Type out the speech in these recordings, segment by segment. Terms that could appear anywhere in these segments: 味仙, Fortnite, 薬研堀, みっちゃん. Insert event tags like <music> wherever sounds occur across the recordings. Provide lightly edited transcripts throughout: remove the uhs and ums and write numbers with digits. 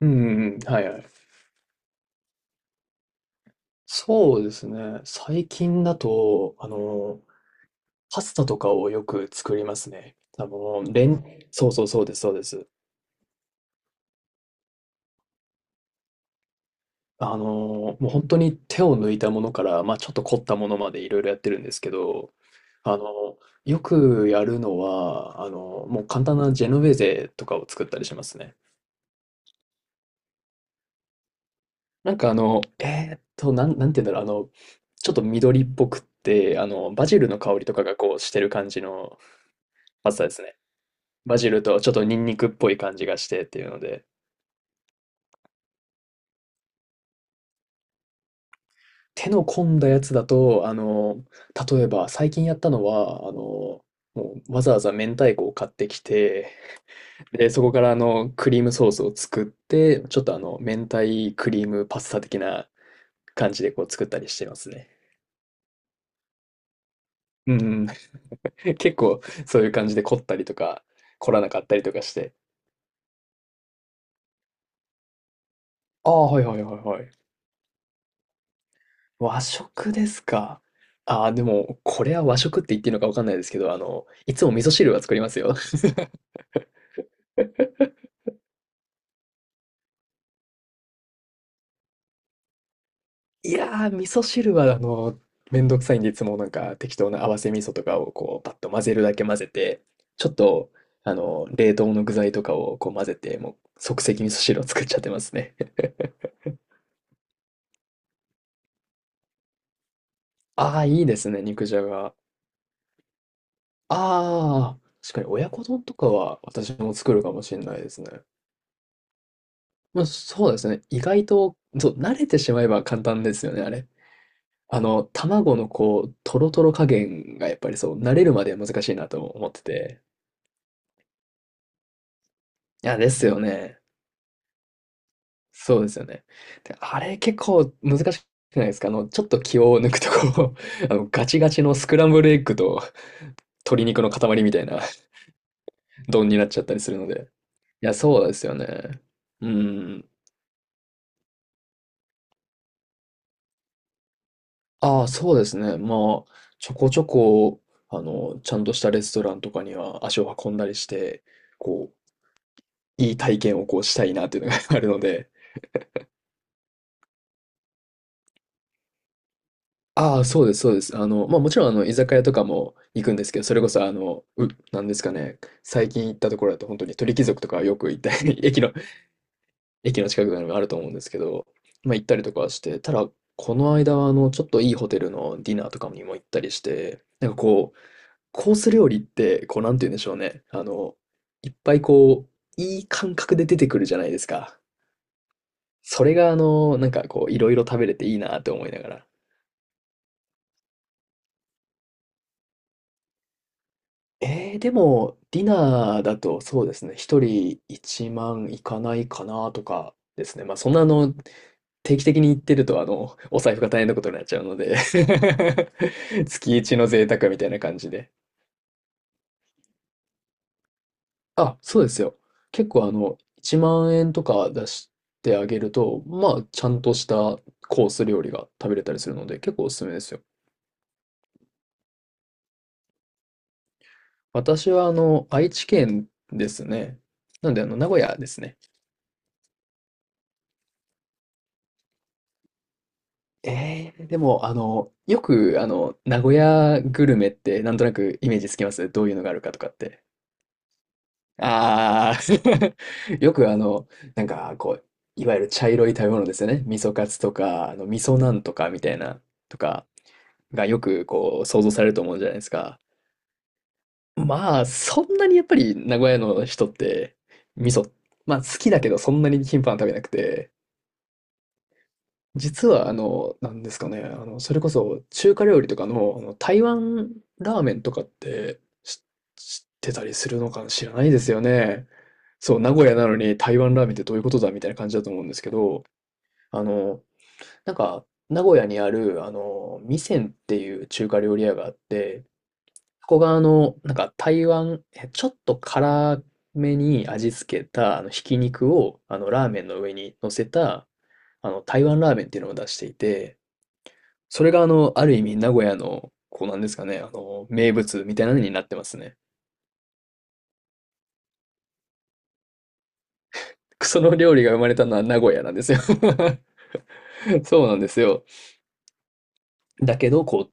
うんうん、はいはい。そうですね。最近だと、パスタとかをよく作りますね。そうそうそうです、そうです。もう本当に手を抜いたものから、まあちょっと凝ったものまでいろいろやってるんですけど、あの、よくやるのは、もう簡単なジェノベーゼとかを作ったりしますね。なんかなんて言うんだろう、ちょっと緑っぽくって、バジルの香りとかがこうしてる感じのパスタですね。バジルとちょっとニンニクっぽい感じがしてっていうので。手の込んだやつだと、例えば最近やったのは、もうわざわざ明太子を買ってきて、で、そこからクリームソースを作って、ちょっと明太クリームパスタ的な感じでこう作ったりしてますね。うんうん。<laughs> 結構そういう感じで凝ったりとか、凝らなかったりとかして。ああ、はいはいはいはい。和食ですか。ああ、でも、これは和食って言っていいのかわかんないですけど、いつも味噌汁は作りますよ。<laughs> いやー、味噌汁は、めんどくさいんで、いつもなんか適当な合わせ味噌とかをこう、パッと混ぜるだけ混ぜて、ちょっと、冷凍の具材とかをこう混ぜて、もう即席味噌汁を作っちゃってますね。<laughs> ああ、いいですね、肉じゃが。ああ、確かに親子丼とかは私も作るかもしれないですね。まあ、そうですね。意外と、そう、慣れてしまえば簡単ですよね、あれ。卵のこう、トロトロ加減がやっぱりそう、慣れるまでは難しいなと思ってて。いや、ですよね。そうですよね。で、あれ結構難しくないですか？ちょっと気を抜くとこう、<laughs> ガチガチのスクランブルエッグと鶏肉の塊みたいな <laughs> 丼になっちゃったりするので。いや、そうですよね。うん。ああ、そうですね。まあ、ちょこちょこ、ちゃんとしたレストランとかには足を運んだりして、こう、いい体験をこうしたいなっていうのが <laughs> あるので。ああ、そうです、そうです。まあもちろん、居酒屋とかも行くんですけど、それこそ、なんですかね、最近行ったところだと、本当に鳥貴族とかよく行ったり、<laughs> 駅の近くにあると思うんですけど、まあ行ったりとかはして、ただ、この間は、ちょっといいホテルのディナーとかにも行ったりして、なんかこう、コース料理って、こう、なんて言うんでしょうね、いっぱいこう、いい感覚で出てくるじゃないですか。それが、なんかこう、いろいろ食べれていいなって思いながら。でも、ディナーだとそうですね、一人1万いかないかなとかですね。まあ、そんな定期的に行ってると、お財布が大変なことになっちゃうので <laughs> 月一の贅沢みたいな感じで。あ、そうですよ。結構1万円とか出してあげると、まあ、ちゃんとしたコース料理が食べれたりするので、結構おすすめですよ。私は愛知県ですね。なんで名古屋ですね。ええでも、よく、名古屋グルメって、なんとなくイメージつきますどういうのがあるかとかって。ああ、<laughs> よく、なんか、こう、いわゆる茶色い食べ物ですよね。味噌カツとか、味噌なんとかみたいな、とか、がよく、こう、想像されると思うじゃないですか。まあ、そんなにやっぱり、名古屋の人って、味噌、まあ、好きだけど、そんなに頻繁に食べなくて、実は、なんですかね、それこそ中華料理とかの、台湾ラーメンとかってし知ってたりするのか知らないですよね。そう、名古屋なのに台湾ラーメンってどういうことだみたいな感じだと思うんですけど、あの、なんか、名古屋にある、味仙っていう中華料理屋があって、そこがなんか台湾、ちょっと辛めに味付けた、ひき肉を、ラーメンの上に乗せた、台湾ラーメンっていうのを出していて、それがある意味名古屋の、こうなんですかね、名物みたいなのになってますね。その料理が生まれたのは名古屋なんですよ。 <laughs> そうなんですよ。だけど、こ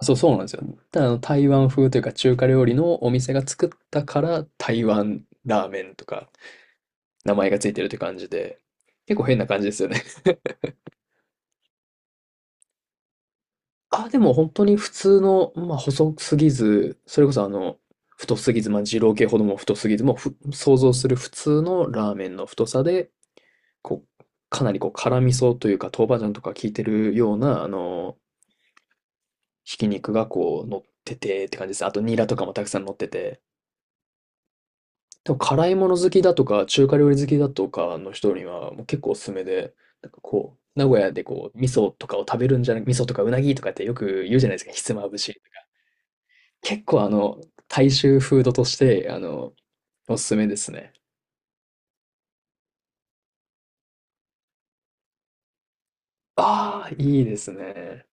う、そう、そうなんですよ。ただ台湾風というか中華料理のお店が作ったから、台湾ラーメンとか、名前がついてるって感じで、結構変な感じですよね。 <laughs> あ、でも本当に普通の、まあ、細すぎず、それこそ太すぎず、まあ、二郎系ほども太すぎず、もう想像する普通のラーメンの太さで、こう、かなりこう辛味噌というか、豆板醤とか効いてるような、ひき肉がこう乗っててって感じです。あとニラとかもたくさん乗ってて。でも辛いもの好きだとか、中華料理好きだとかの人にはもう結構おすすめで、なんかこう、名古屋でこう、味噌とかを食べるんじゃなく、味噌とかうなぎとかってよく言うじゃないですか、ひつまぶしとか。結構大衆フードとして、おすすめですね。ああ、いいですね。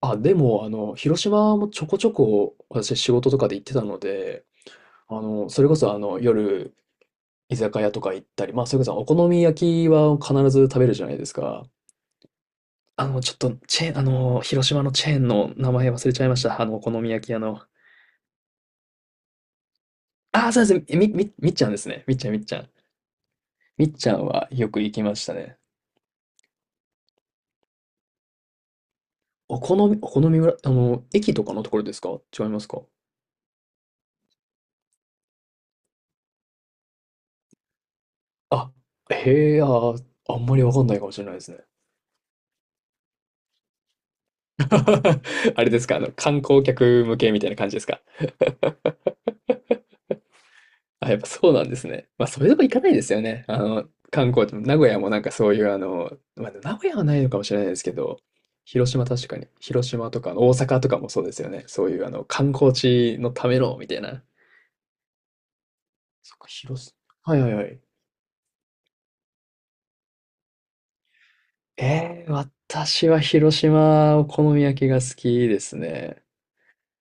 あ、でも、広島もちょこちょこ私仕事とかで行ってたので、それこそ夜、居酒屋とか行ったり、まあ、それこそお好み焼きは必ず食べるじゃないですか。あの、ちょっと、チェーン、あの、広島のチェーンの名前忘れちゃいました。お好み焼き屋の。ああ、そうです。みっちゃんですね。みっちゃん、みっちゃん。みっちゃんはよく行きましたね。お好み村、駅とかのところですか？違いますか？あ、へえ、あー、あんまりわかんないかもしれないですね。<laughs> あれですか？観光客向けみたいな感じですか？あ、やっぱそうなんですね。まあ、そういうとこ行かないですよね。観光地も、名古屋もなんかそういう、まあ、名古屋はないのかもしれないですけど、広島確かに、広島とか大阪とかもそうですよね。そういう、観光地のための、みたいな。そっか、広島。はいはいはい。私は広島お好み焼きが好きですね。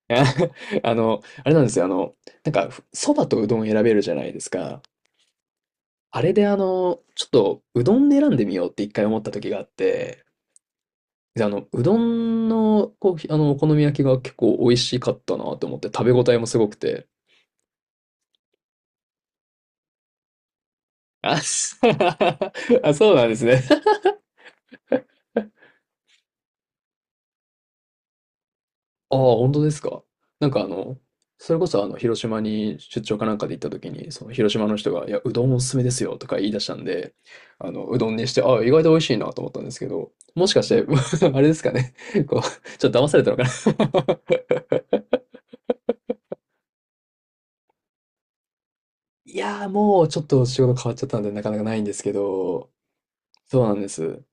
あ。 <laughs> あれなんですよ。なんか、そばとうどん選べるじゃないですか。あれでちょっとうどんで選んでみようって一回思った時があって、で、うどんの、こう、お好み焼きが結構美味しかったなと思って、食べ応えもすごくて、あ、そ。 <laughs> あ、そうなんですね。ああ、本当ですか。なんかそれこそ広島に出張かなんかで行った時に、その広島の人が、いや、うどんおすすめですよとか言い出したんで、うどんにして、ああ、意外と美味しいなと思ったんですけど、もしかして、<laughs> あれですかね。<laughs> こう、ちょっと騙されたのかな。 <laughs> いやー、もうちょっと仕事変わっちゃったんで、なかなかないんですけど、そうなんです。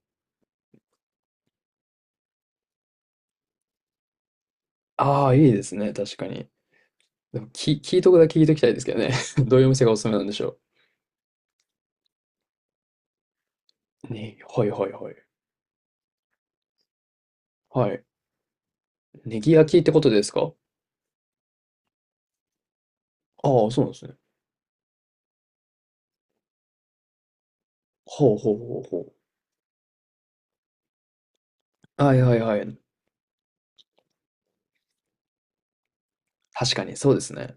ああ、いいですね、確かに。でも、聞いとくだけ聞いときたいですけどね。<laughs> どういうお店がおすすめなんでしょう。ね、はいはいはい。はい。ネギ焼きってことですか？ああ、そうなんですね。ほうほうほうほう。はいはいはい。確かに、そうですね。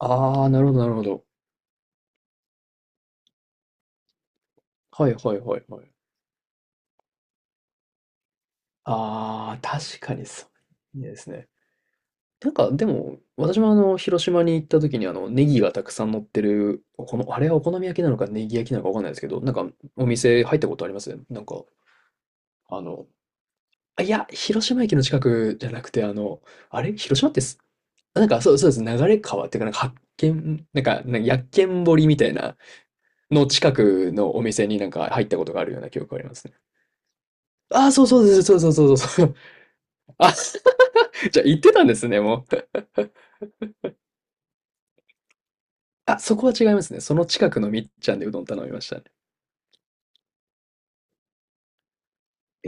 ああ、なるほどなるほど。はいはいはいはい。ああ、確かにそう。いいですね。なんか、でも、私も広島に行った時にネギがたくさん乗ってる、この、あれはお好み焼きなのかネギ焼きなのかわかんないですけど、なんか、お店入ったことあります？なんか、あの、あ、いや、広島駅の近くじゃなくて、あれ広島ってあなんかそう、そうです。流れ川っていうか、なんか発見、なんか薬研堀みたいなの近くのお店になんか入ったことがあるような記憶がありますね。ああ、そうそうです。そうそうそうそうそう。<laughs> あ、じゃあ行ってたんですね、もう。あ、そこは違いますね。その近くのみっちゃんでうどん頼みましたね。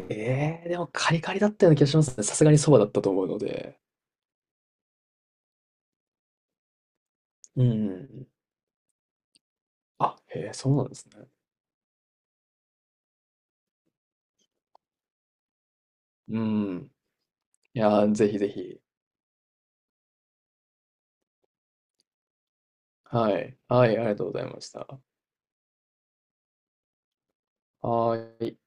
ええでもカリカリだったような気がしますね。さすがにそばだったと思うので。うん。あ、へえ、そうなんですね。うん。いやー、ぜひぜひ。はい。はい、ありがとうございました。はーい。